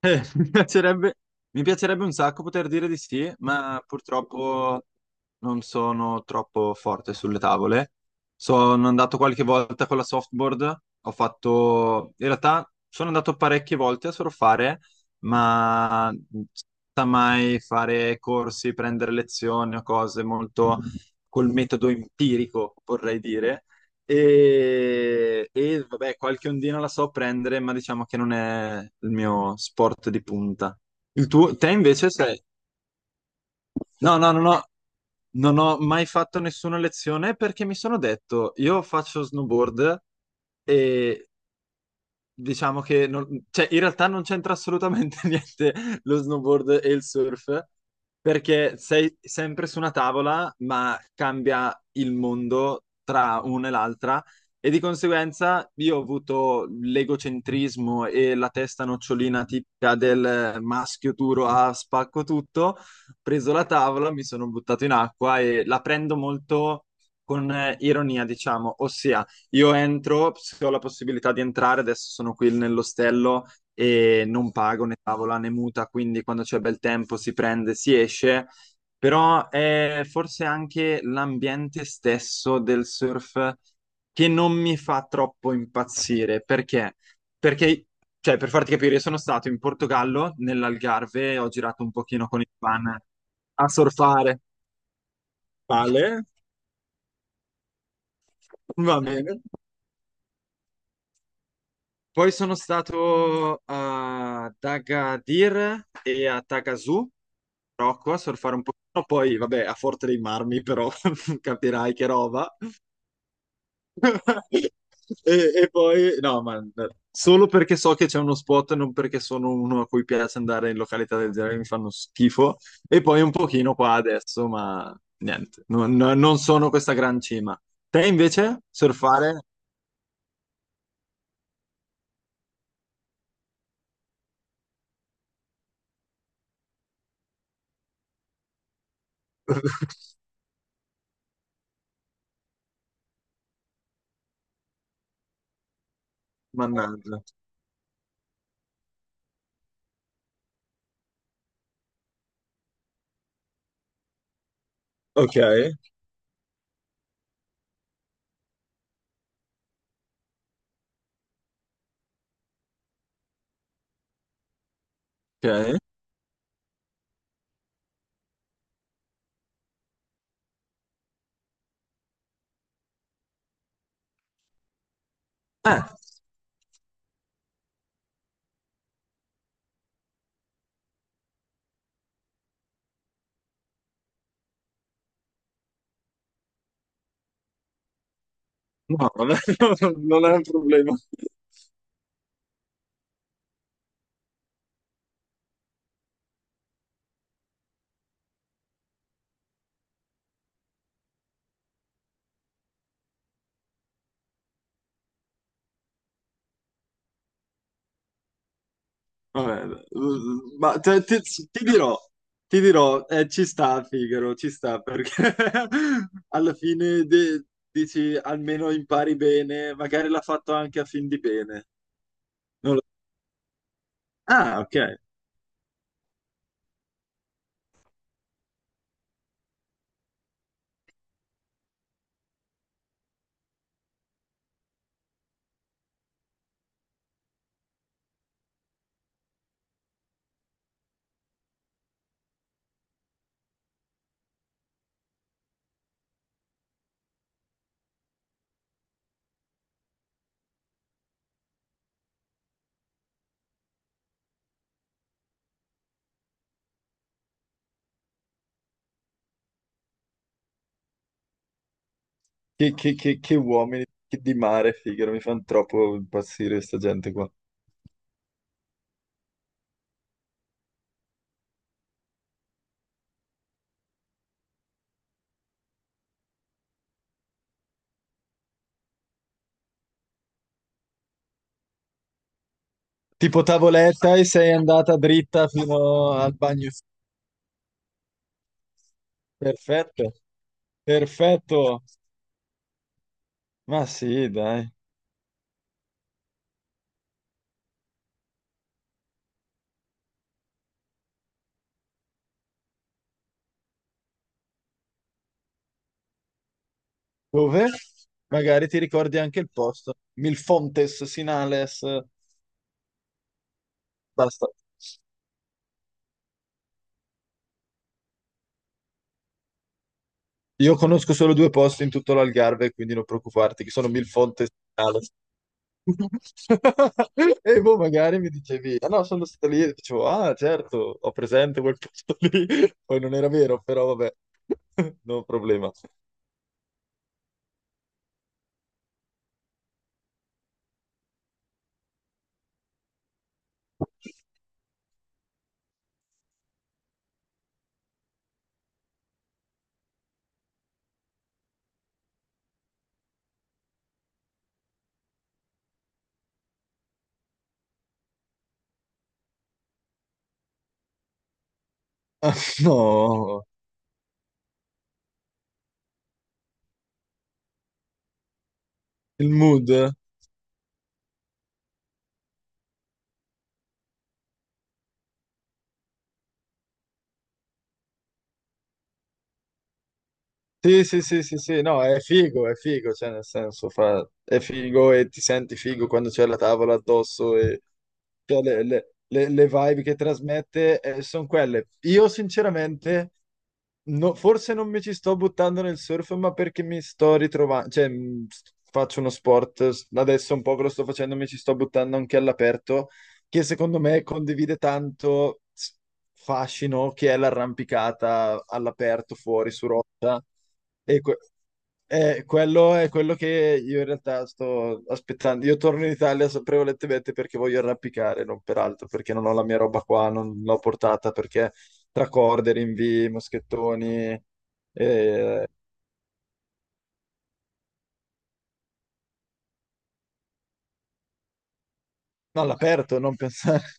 Eh, mi piacerebbe, mi piacerebbe un sacco poter dire di sì, ma purtroppo non sono troppo forte sulle tavole. Sono andato qualche volta con la softboard, in realtà sono andato parecchie volte a surfare, ma senza mai fare corsi, prendere lezioni o cose molto col metodo empirico, vorrei dire. E vabbè, qualche ondina la so prendere, ma diciamo che non è il mio sport di punta. Il tuo, te invece sei... No, no, no, no, non ho mai fatto nessuna lezione perché mi sono detto, io faccio snowboard. E Diciamo che non- Cioè, in realtà non c'entra assolutamente niente lo snowboard e il surf, perché sei sempre su una tavola, ma cambia il mondo tra una e l'altra, e di conseguenza io ho avuto l'egocentrismo e la testa nocciolina tipica del maschio duro a spacco tutto, ho preso la tavola, mi sono buttato in acqua e la prendo molto con ironia, diciamo, ossia io entro, se ho la possibilità di entrare, adesso sono qui nell'ostello e non pago né tavola né muta, quindi quando c'è bel tempo si prende, si esce, però è forse anche l'ambiente stesso del surf che non mi fa troppo impazzire, perché? Perché, cioè, per farti capire, io sono stato in Portogallo, nell'Algarve, ho girato un pochino con il van a surfare. Vale, va bene. Poi sono stato a Dagadir e a Tagazù, Marocco, a surfare un pochino, poi vabbè a Forte dei Marmi, però capirai che roba. E poi, no, ma solo perché so che c'è uno spot, non perché sono uno a cui piace andare in località del genere, mi fanno schifo. E poi un pochino qua adesso, ma niente, non, non sono questa gran cima. Te invece, surfare? Mannaggia. Ok, ok. Eh, no, non è non è un problema. Vabbè, ma te- ti, ti dirò, ti dirò, eh, ci sta Figaro, ci sta perché alla fine dici almeno impari bene, magari l'ha fatto anche a fin di bene. Non lo- Ah, ok. Che uomini che di mare, Figaro, mi fanno troppo impazzire questa gente qua. Tipo tavoletta e sei andata dritta fino al bagno. Perfetto, perfetto. Ma sì, dai. Dove? Magari ti ricordi anche il posto. Milfontes, Sinales, basta. Io conosco solo due posti in tutto l'Algarve, quindi non preoccuparti, che sono Milfontes e Sinales. E boh, magari mi dicevi, ah no, sono stato lì, e dicevo, ah certo, ho presente quel posto lì. Poi non era vero, però vabbè, no problema. Ah, no, il mood. Sì, sì, sì, sì, sì, no, è figo, cioè nel senso, è figo e ti senti figo quando c'è la tavola addosso e cioè, le vibe che trasmette sono quelle. Io sinceramente, forse non mi ci sto buttando nel surf, ma perché mi sto ritrovando, cioè, faccio uno sport, adesso un po' che lo sto facendo, mi ci sto buttando anche all'aperto, che secondo me condivide tanto fascino che è l'arrampicata all'aperto fuori su rotta. E quello è quello che io in realtà sto aspettando. Io torno in Italia prevalentemente perché voglio arrampicare, non peraltro, perché non ho la mia roba qua, non l'ho portata perché tra corde, rinvii, moschettoni, eh, no, all'aperto, non pensare.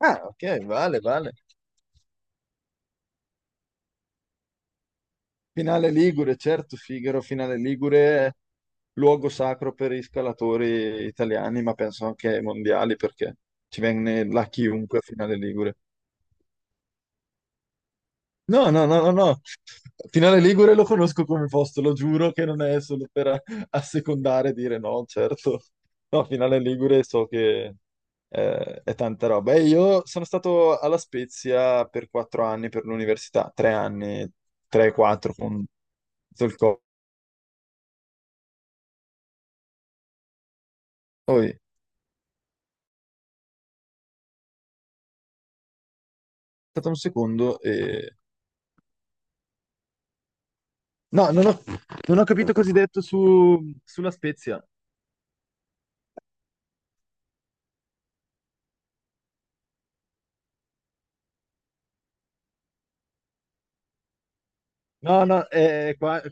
Ah, ok, vale, vale. Finale Ligure, certo, Figaro, Finale Ligure è luogo sacro per i scalatori italiani, ma penso anche ai mondiali perché ci viene là chiunque a Finale Ligure. No, no, no, no, no. Finale Ligure lo conosco come posto, lo giuro che non è solo per assecondare e dire no, certo. No, Finale Ligure so che è tanta roba. E io sono stato alla Spezia per 4 anni per l'università, 3 anni, tre, quattro con tutto il poi, aspetta un secondo. No, non ho capito cosa hai detto sulla Spezia. No, no, qua,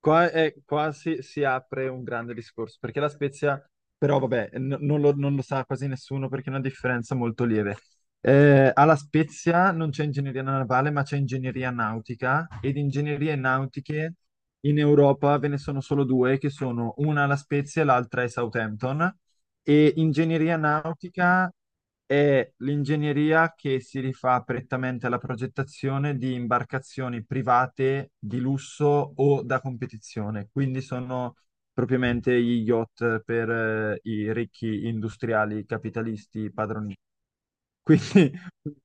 qua, è- qua si apre un grande discorso, perché la Spezia, però vabbè, non lo sa quasi nessuno perché è una differenza molto lieve. Alla Spezia non c'è ingegneria navale, ma c'è ingegneria nautica ed ingegnerie nautiche in Europa ve ne sono solo due, che sono una alla Spezia e l'altra è Southampton. E ingegneria nautica è l'ingegneria che si rifà prettamente alla progettazione di imbarcazioni private di lusso o da competizione, quindi sono propriamente gli yacht per i ricchi industriali capitalisti padroni. Quindi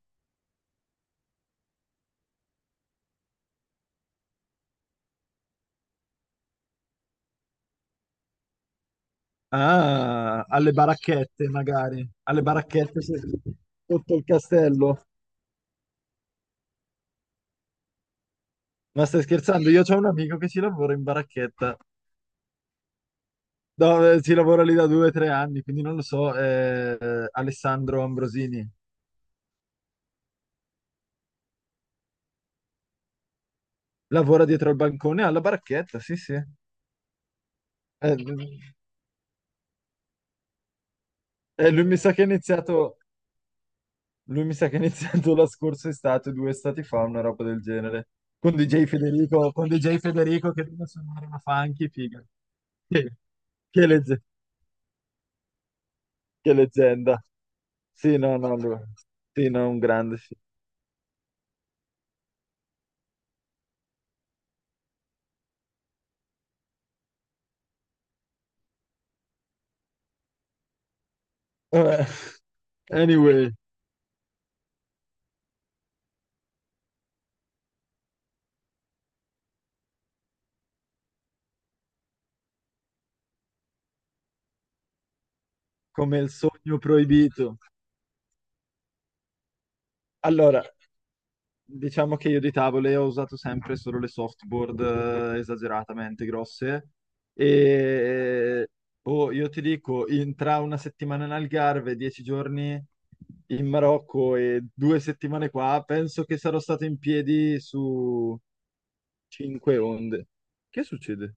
ah, alle baracchette magari, alle baracchette sotto il castello. Ma stai scherzando? Io ho un amico che ci lavora in baracchetta. No, si lavora lì da 2 o 3 anni, quindi non lo so. Alessandro Ambrosini lavora dietro al bancone alla baracchetta, sì, sì. Lui mi sa che ha iniziato, lui mi sa che ha iniziato la scorsa estate, 2 estati fa, una roba del genere. Con DJ Federico, con DJ Federico che deve suonare una funky, figa. Che, che legge- che leggenda. Sì, no, no, lui. Sì, no, un grande, sì. Vabbè. Anyway, come il sogno proibito. Allora, diciamo che io di tavole ho usato sempre solo le softboard esageratamente grosse. E oh, io ti dico, tra una settimana in Algarve, 10 giorni in Marocco e 2 settimane qua, penso che sarò stato in piedi su cinque onde. Che succede?